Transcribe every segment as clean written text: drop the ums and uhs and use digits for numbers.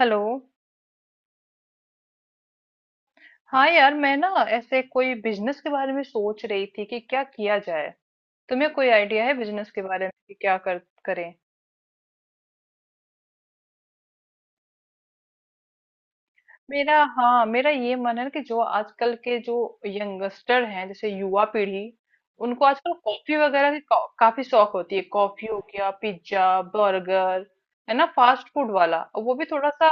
Hello. हाँ यार, मैं ना ऐसे कोई बिजनेस के बारे में सोच रही थी कि क्या किया जाए। तुम्हें कोई आइडिया है बिजनेस के बारे में कि क्या कर करें? मेरा हाँ मेरा ये मन है कि जो आजकल के जो यंगस्टर हैं, जैसे युवा पीढ़ी, उनको आजकल कॉफी वगैरह काफी शौक होती है, कॉफी हो गया, पिज्जा, बर्गर, है ना, फास्ट फूड वाला। और वो भी थोड़ा सा।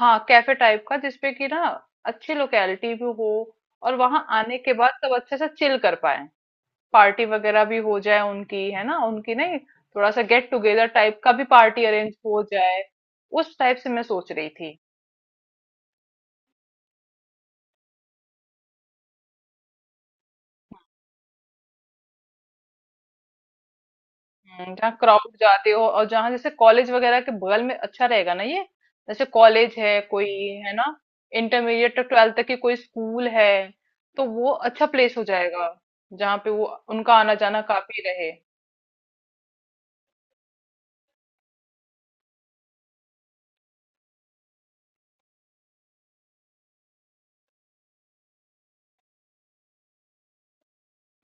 हाँ, कैफे टाइप का, जिसपे कि ना अच्छी लोकेलिटी भी हो, और वहां आने के बाद सब अच्छे से चिल कर पाए। पार्टी वगैरह भी हो जाए उनकी, है ना, उनकी नहीं, थोड़ा सा गेट टुगेदर टाइप का भी पार्टी अरेंज हो जाए। उस टाइप से मैं सोच रही थी। जहाँ क्राउड जाते हो, और जहाँ जैसे कॉलेज वगैरह के बगल में अच्छा रहेगा ना ये, जैसे कॉलेज है कोई, है ना? इंटरमीडिएट तक, ट्वेल्थ तक की कोई स्कूल है, तो वो अच्छा प्लेस हो जाएगा, जहाँ पे वो उनका आना जाना काफी रहे।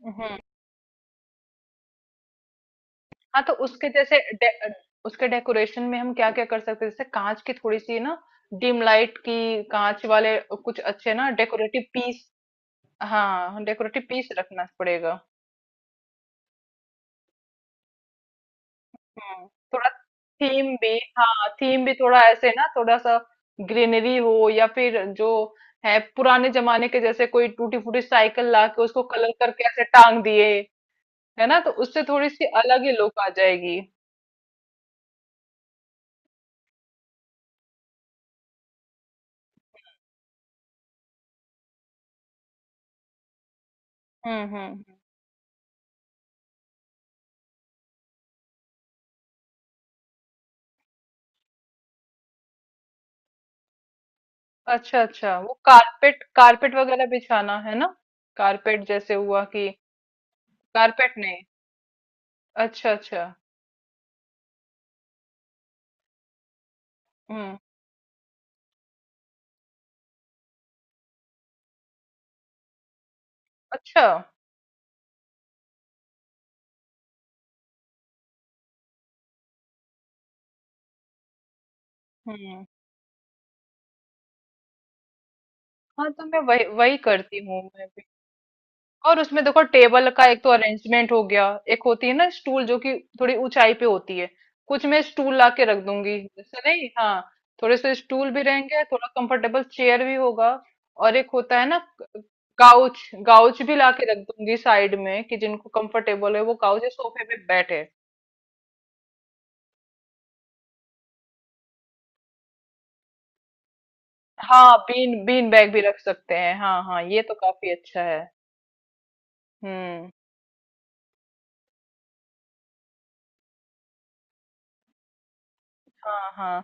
हम्म। हाँ, तो उसके जैसे उसके डेकोरेशन में हम क्या-क्या कर सकते हैं? जैसे काँच की थोड़ी-सी ना डिम लाइट की, काँच वाले कुछ अच्छे ना डेकोरेटिव पीस। हाँ, डेकोरेटिव पीस रखना पड़ेगा। हुँ, थोड़ा थीम भी हाँ, थीम भी थोड़ा ऐसे ना, थोड़ा-सा ग्रीनरी हो, या फिर जो है पुराने ज़माने के, जैसे कोई टूटी-फूटी साइकिल ला के उसको कलर करके ऐसे टाँग दिए, है ना? तो उससे थोड़ी-सी अलग ही लुक आ जाएगी। हुँ, हुँ। अच्छा अच्छा, वो कारपेट, कारपेट वगैरह बिछाना है ना? कारपेट जैसे हुआ कि कारपेट नहीं। अच्छा अच्छा। हम्म। अच्छा। हम्म। हाँ, तो मैं वही वही करती हूँ मैं। और उसमें देखो, टेबल का एक तो अरेंजमेंट हो गया। एक होती है ना स्टूल, जो कि थोड़ी ऊंचाई पे होती है, कुछ मैं स्टूल ला के रख दूंगी, जैसे, नहीं, हाँ। थोड़े से स्टूल भी रहेंगे, थोड़ा कंफर्टेबल चेयर भी होगा। और एक होता है ना काउच। काउच भी ला के रख दूंगी साइड में, कि जिनको कंफर्टेबल है वो काउच या सोफे पे बैठे। हाँ, बीन बीन बैग भी रख सकते हैं। हाँ हाँ, ये तो काफी अच्छा है। हम्म। हाँ, हाँ।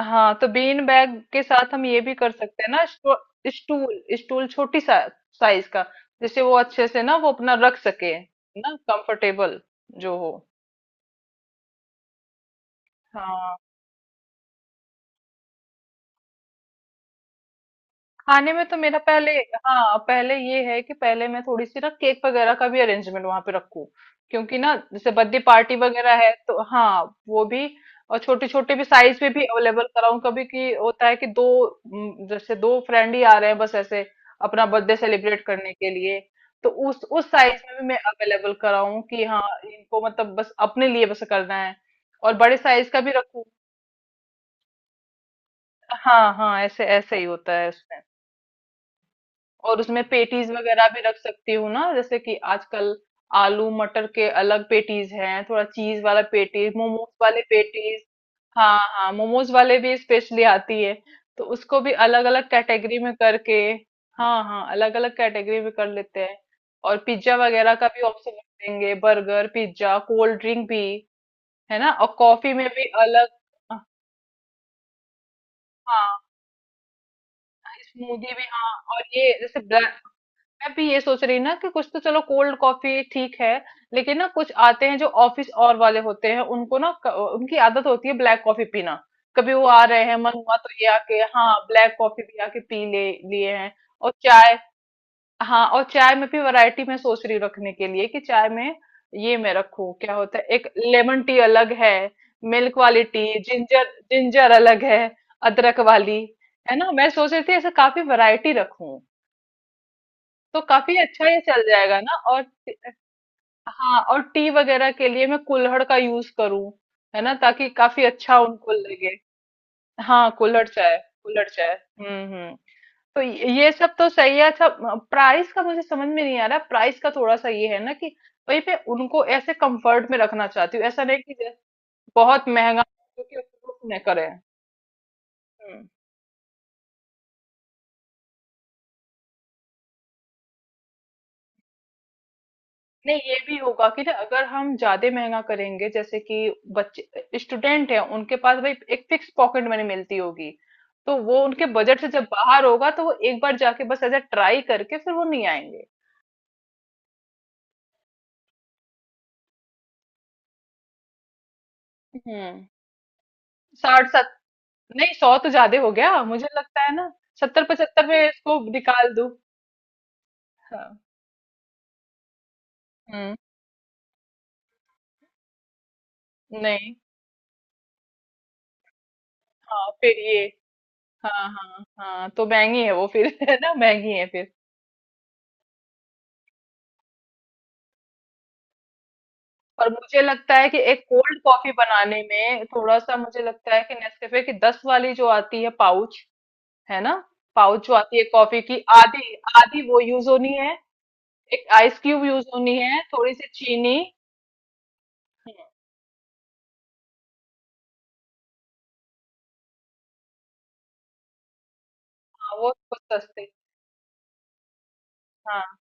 हाँ, तो बीन बैग के साथ हम ये भी कर सकते हैं ना, स्टूल स्टूल छोटी सा, साइज का, जिससे वो अच्छे से ना वो अपना रख सके ना, कंफर्टेबल जो हो। हाँ, खाने में तो मेरा पहले, हाँ, पहले ये है कि पहले मैं थोड़ी सी ना केक वगैरह का भी अरेंजमेंट वहां पे रखूं, क्योंकि ना जैसे बर्थडे पार्टी वगैरह है तो, हाँ, वो भी। और छोटे छोटे भी साइज में भी अवेलेबल कराऊं कभी, कि होता है कि दो, जैसे दो फ्रेंड ही आ रहे हैं बस ऐसे, अपना बर्थडे सेलिब्रेट करने के लिए, तो उस साइज में भी मैं अवेलेबल कराऊं कि, हाँ, इनको मतलब बस अपने लिए बस करना है। और बड़े साइज का भी रखूं। हाँ हाँ, ऐसे ऐसे ही होता है उसमें। और उसमें पेटीज वगैरह भी रख सकती हूँ ना, जैसे कि आजकल आलू मटर के अलग पेटीज हैं, थोड़ा चीज वाला पेटीज, मोमोज वाले पेटीज। हाँ हाँ, मोमोज वाले भी स्पेशली आती है, तो उसको भी अलग अलग कैटेगरी में करके, हाँ हाँ, अलग अलग कैटेगरी में कर लेते हैं। और पिज्जा वगैरह का भी ऑप्शन रख देंगे, बर्गर, पिज्जा, कोल्ड ड्रिंक भी, है ना, और कॉफी में भी अलग। हाँ, स्मूदी भी, हाँ। और ये जैसे ब्लैक, मैं भी ये सोच रही ना कि कुछ तो, चलो कोल्ड कॉफी ठीक है, लेकिन ना कुछ आते हैं जो ऑफिस और वाले होते हैं, उनको ना उनकी आदत होती है ब्लैक कॉफी पीना, कभी वो आ रहे हैं मन हुआ तो ये आके, हाँ, ब्लैक कॉफी भी आके पी ले लिए हैं। और चाय, हाँ, और चाय में भी वैरायटी मैं सोच रही हूँ रखने के लिए, कि चाय में ये मैं रखूं, क्या होता है एक लेमन टी अलग है, मिल्क वाली टी, जिंजर, जिंजर अलग है, अदरक वाली, है ना? मैं सोच रही थी ऐसे काफी वैरायटी रखूं, तो काफी अच्छा ये चल जाएगा ना। और हाँ, और टी वगैरह के लिए मैं कुल्हड़ का यूज करूँ, है ना, ताकि काफी अच्छा उनको लगे। हाँ, कुल्हड़ चाय। कुल्हड़ चाय। हम्म। तो ये सब तो सही है। अच्छा, प्राइस का मुझे समझ में नहीं आ रहा। प्राइस का थोड़ा सा ये है ना, कि भाई मैं उनको ऐसे कंफर्ट में रखना चाहती हूँ, ऐसा नहीं कि जैसे बहुत महंगा हो, क्योंकि अफोर्ड न करें। हम्म। नहीं, ये भी होगा कि ना अगर हम ज्यादा महंगा करेंगे, जैसे कि बच्चे स्टूडेंट हैं, उनके पास भाई एक फिक्स पॉकेट मनी मिलती होगी, तो वो उनके बजट से जब बाहर होगा तो वो एक बार जाके बस ऐसा ट्राई करके फिर वो नहीं आएंगे। हम्म। 60 सत नहीं, 100 तो ज्यादा हो गया मुझे लगता है ना। 70-75 में इसको निकाल दूं। हाँ। हम्म। नहीं। हाँ, फिर ये। हाँ हाँ हाँ, तो महंगी है वो फिर है ना? महंगी है फिर। और मुझे लगता है कि एक कोल्ड कॉफी बनाने में थोड़ा सा, मुझे लगता है कि नेस्कैफे की 10 वाली जो आती है पाउच, है ना, पाउच जो आती है कॉफी की, आधी आधी वो यूज होनी है, एक आइस क्यूब यूज होनी है, थोड़ी सी चीनी। हाँ। वो कुछ सस्ते। हाँ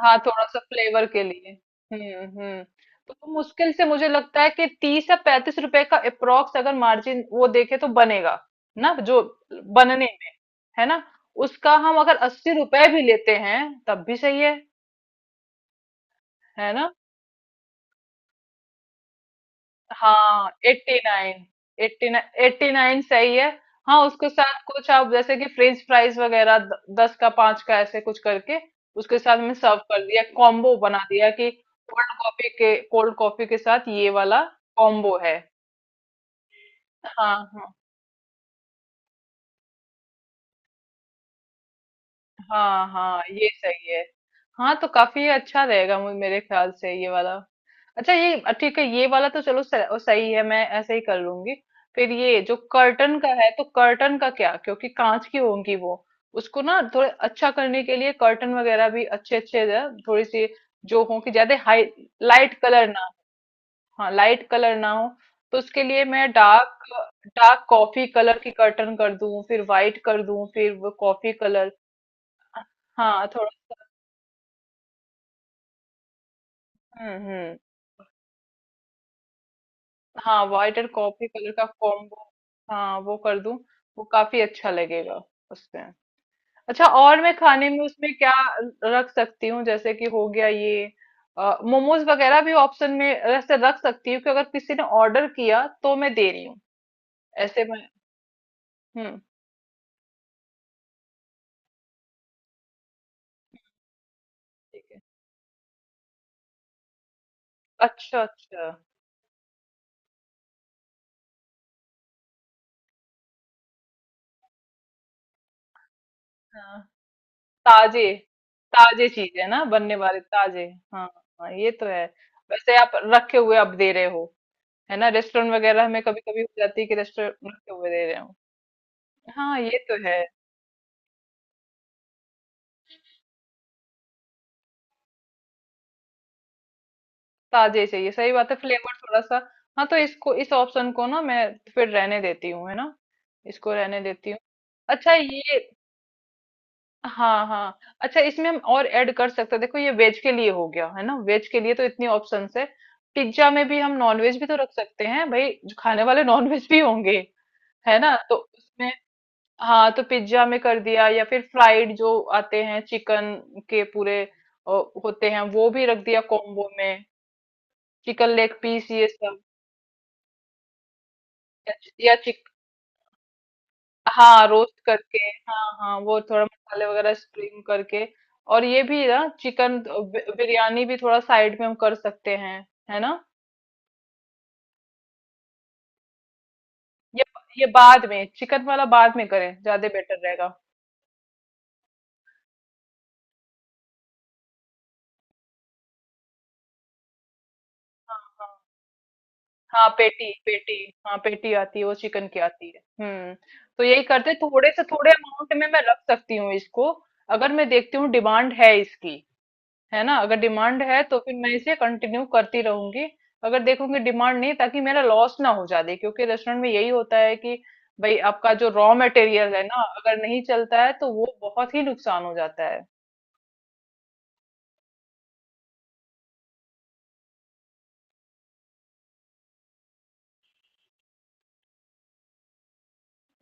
हाँ, थोड़ा सा फ्लेवर के लिए। हम्म। तो वो मुश्किल से मुझे लगता है कि 30 या 35 रुपए का अप्रोक्स, अगर मार्जिन वो देखे तो बनेगा ना, जो बनने, है ना? उसका हम अगर 80 रुपए भी लेते हैं तब भी सही है। है ना? हाँ। 89, 89, 89 सही है। हाँ, उसके साथ कुछ आप जैसे कि फ्रेंच फ्राइज वगैरह 10 का 5 का ऐसे कुछ करके उसके साथ में सर्व कर दिया, कॉम्बो बना दिया, कि कोल्ड कॉफी के, कोल्ड कॉफी के साथ ये वाला कॉम्बो है। हाँ हाँ। हाँ हाँ, ये सही है। हाँ, तो काफी अच्छा रहेगा, मेरे ख्याल से ये वाला। अच्छा, ये, ठीक है, ये वाला। तो चलो सही है, मैं ऐसे ही कर लूंगी। फिर ये जो कर्टन का है, तो कर्टन का क्या, क्योंकि कांच की होंगी वो, उसको ना थोड़े अच्छा करने के लिए कर्टन वगैरह भी अच्छे अच्छे, थोड़ी सी जो हो, कि ज्यादा हाई लाइट कलर ना हो। हाँ, लाइट कलर ना हो। तो उसके लिए मैं डार्क डार्क कॉफी कलर की कर्टन कर दूं, फिर व्हाइट कर दूं, फिर वो कॉफी कलर। हाँ, थोड़ा। हम्म। हाँ, व्हाइट एंड कॉफी कलर का कॉम्बो। हाँ, वो कर दूं, वो काफी अच्छा लगेगा उसमें। अच्छा, और मैं खाने में उसमें क्या रख सकती हूँ, जैसे कि हो गया ये, मोमोज वगैरह भी ऑप्शन में ऐसे रख सकती हूँ कि अगर किसी ने ऑर्डर किया तो मैं दे रही हूँ ऐसे, मैं। हम्म। ठीक है। अच्छा अच्छा। हाँ। ताजे, ताजे चीज है ना, बनने वाले ताजे। हाँ हाँ, ये तो है। वैसे आप रखे हुए आप दे रहे हो, है ना? रेस्टोरेंट वगैरह में कभी कभी हो जाती है कि रेस्टोरेंट रखे हुए दे रहे हो। हाँ, ये तो है। ताजे ही चाहिए, सही बात है, फ्लेवर थोड़ा सा। हाँ, तो इसको, इस ऑप्शन को ना मैं फिर रहने देती हूँ, है ना? इसको रहने देती हूँ। अच्छा ये, हाँ हाँ। अच्छा, इसमें हम और ऐड कर सकते हैं, देखो ये वेज के लिए हो गया, है ना? वेज के लिए तो इतनी ऑप्शन है, पिज्जा में भी हम नॉन वेज भी तो रख सकते हैं, भाई, जो खाने वाले नॉन वेज भी होंगे, है ना, तो उसमें, हाँ। तो पिज्जा में कर दिया, या फिर फ्राइड जो आते हैं, चिकन के पूरे अ, होते हैं वो भी रख दिया कॉम्बो में। चिकन लेग पीस, ये सब। या, या चिक हाँ, रोस्ट करके। हाँ हाँ, वो थोड़ा मसाले वगैरह स्प्रिंग करके। और ये भी ना चिकन बिरयानी भी थोड़ा साइड में हम कर सकते हैं, है ना? ये ये बाद में, चिकन वाला बाद में करें ज्यादा बेटर रहेगा। हाँ हाँ। हाँ, पेटी पेटी, हाँ पेटी आती है, वो चिकन की आती है। हम्म। तो यही करते, थोड़े से थोड़े अमाउंट में मैं रख सकती हूँ इसको, अगर मैं देखती हूँ डिमांड है इसकी, है ना? अगर डिमांड है तो फिर मैं इसे कंटिन्यू करती रहूंगी, अगर देखूंगी डिमांड नहीं, ताकि मेरा लॉस ना हो जाए, क्योंकि रेस्टोरेंट में यही होता है कि भाई आपका जो रॉ मटेरियल है ना अगर नहीं चलता है तो वो बहुत ही नुकसान हो जाता है।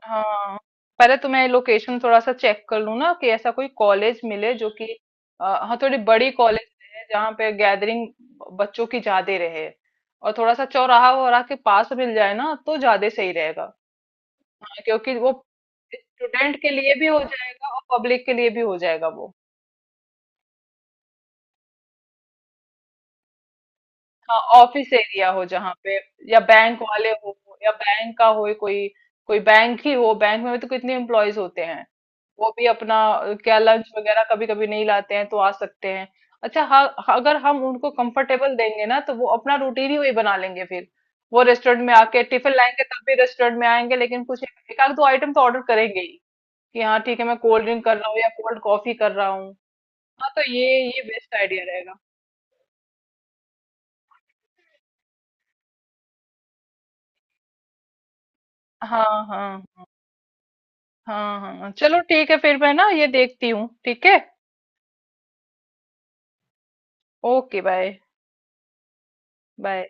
हाँ, पहले तो मैं लोकेशन थोड़ा सा चेक कर लूँ ना, कि ऐसा कोई कॉलेज मिले जो कि हाँ, थोड़ी बड़ी कॉलेज है, जहाँ पे गैदरिंग बच्चों की ज्यादा रहे, और थोड़ा सा चौराहा वगैरह के पास मिल जाए ना, तो ज्यादा सही रहेगा। हाँ, क्योंकि वो स्टूडेंट के लिए भी हो जाएगा और पब्लिक के लिए भी हो जाएगा वो। हाँ, ऑफिस एरिया हो जहाँ पे, या बैंक वाले हो, या बैंक का हो कोई, कोई बैंक ही हो, बैंक में भी तो कितने एम्प्लॉयज होते हैं, वो भी अपना क्या लंच वगैरह कभी कभी नहीं लाते हैं तो आ सकते हैं। अच्छा हाँ। हाँ, अगर हम उनको कंफर्टेबल देंगे ना तो वो अपना रूटीन ही वही बना लेंगे फिर। वो रेस्टोरेंट में आके टिफिन लाएंगे तब भी रेस्टोरेंट में आएंगे, लेकिन कुछ एक एक आध दो आइटम तो ऑर्डर करेंगे ही कि हाँ ठीक है, मैं कोल्ड ड्रिंक कर रहा हूँ या कोल्ड कॉफी कर रहा हूँ। हाँ, तो ये बेस्ट आइडिया रहेगा। हाँ हाँ हाँ हाँ, चलो ठीक है, फिर मैं ना ये देखती हूँ, ठीक है। Okay, bye. बाय।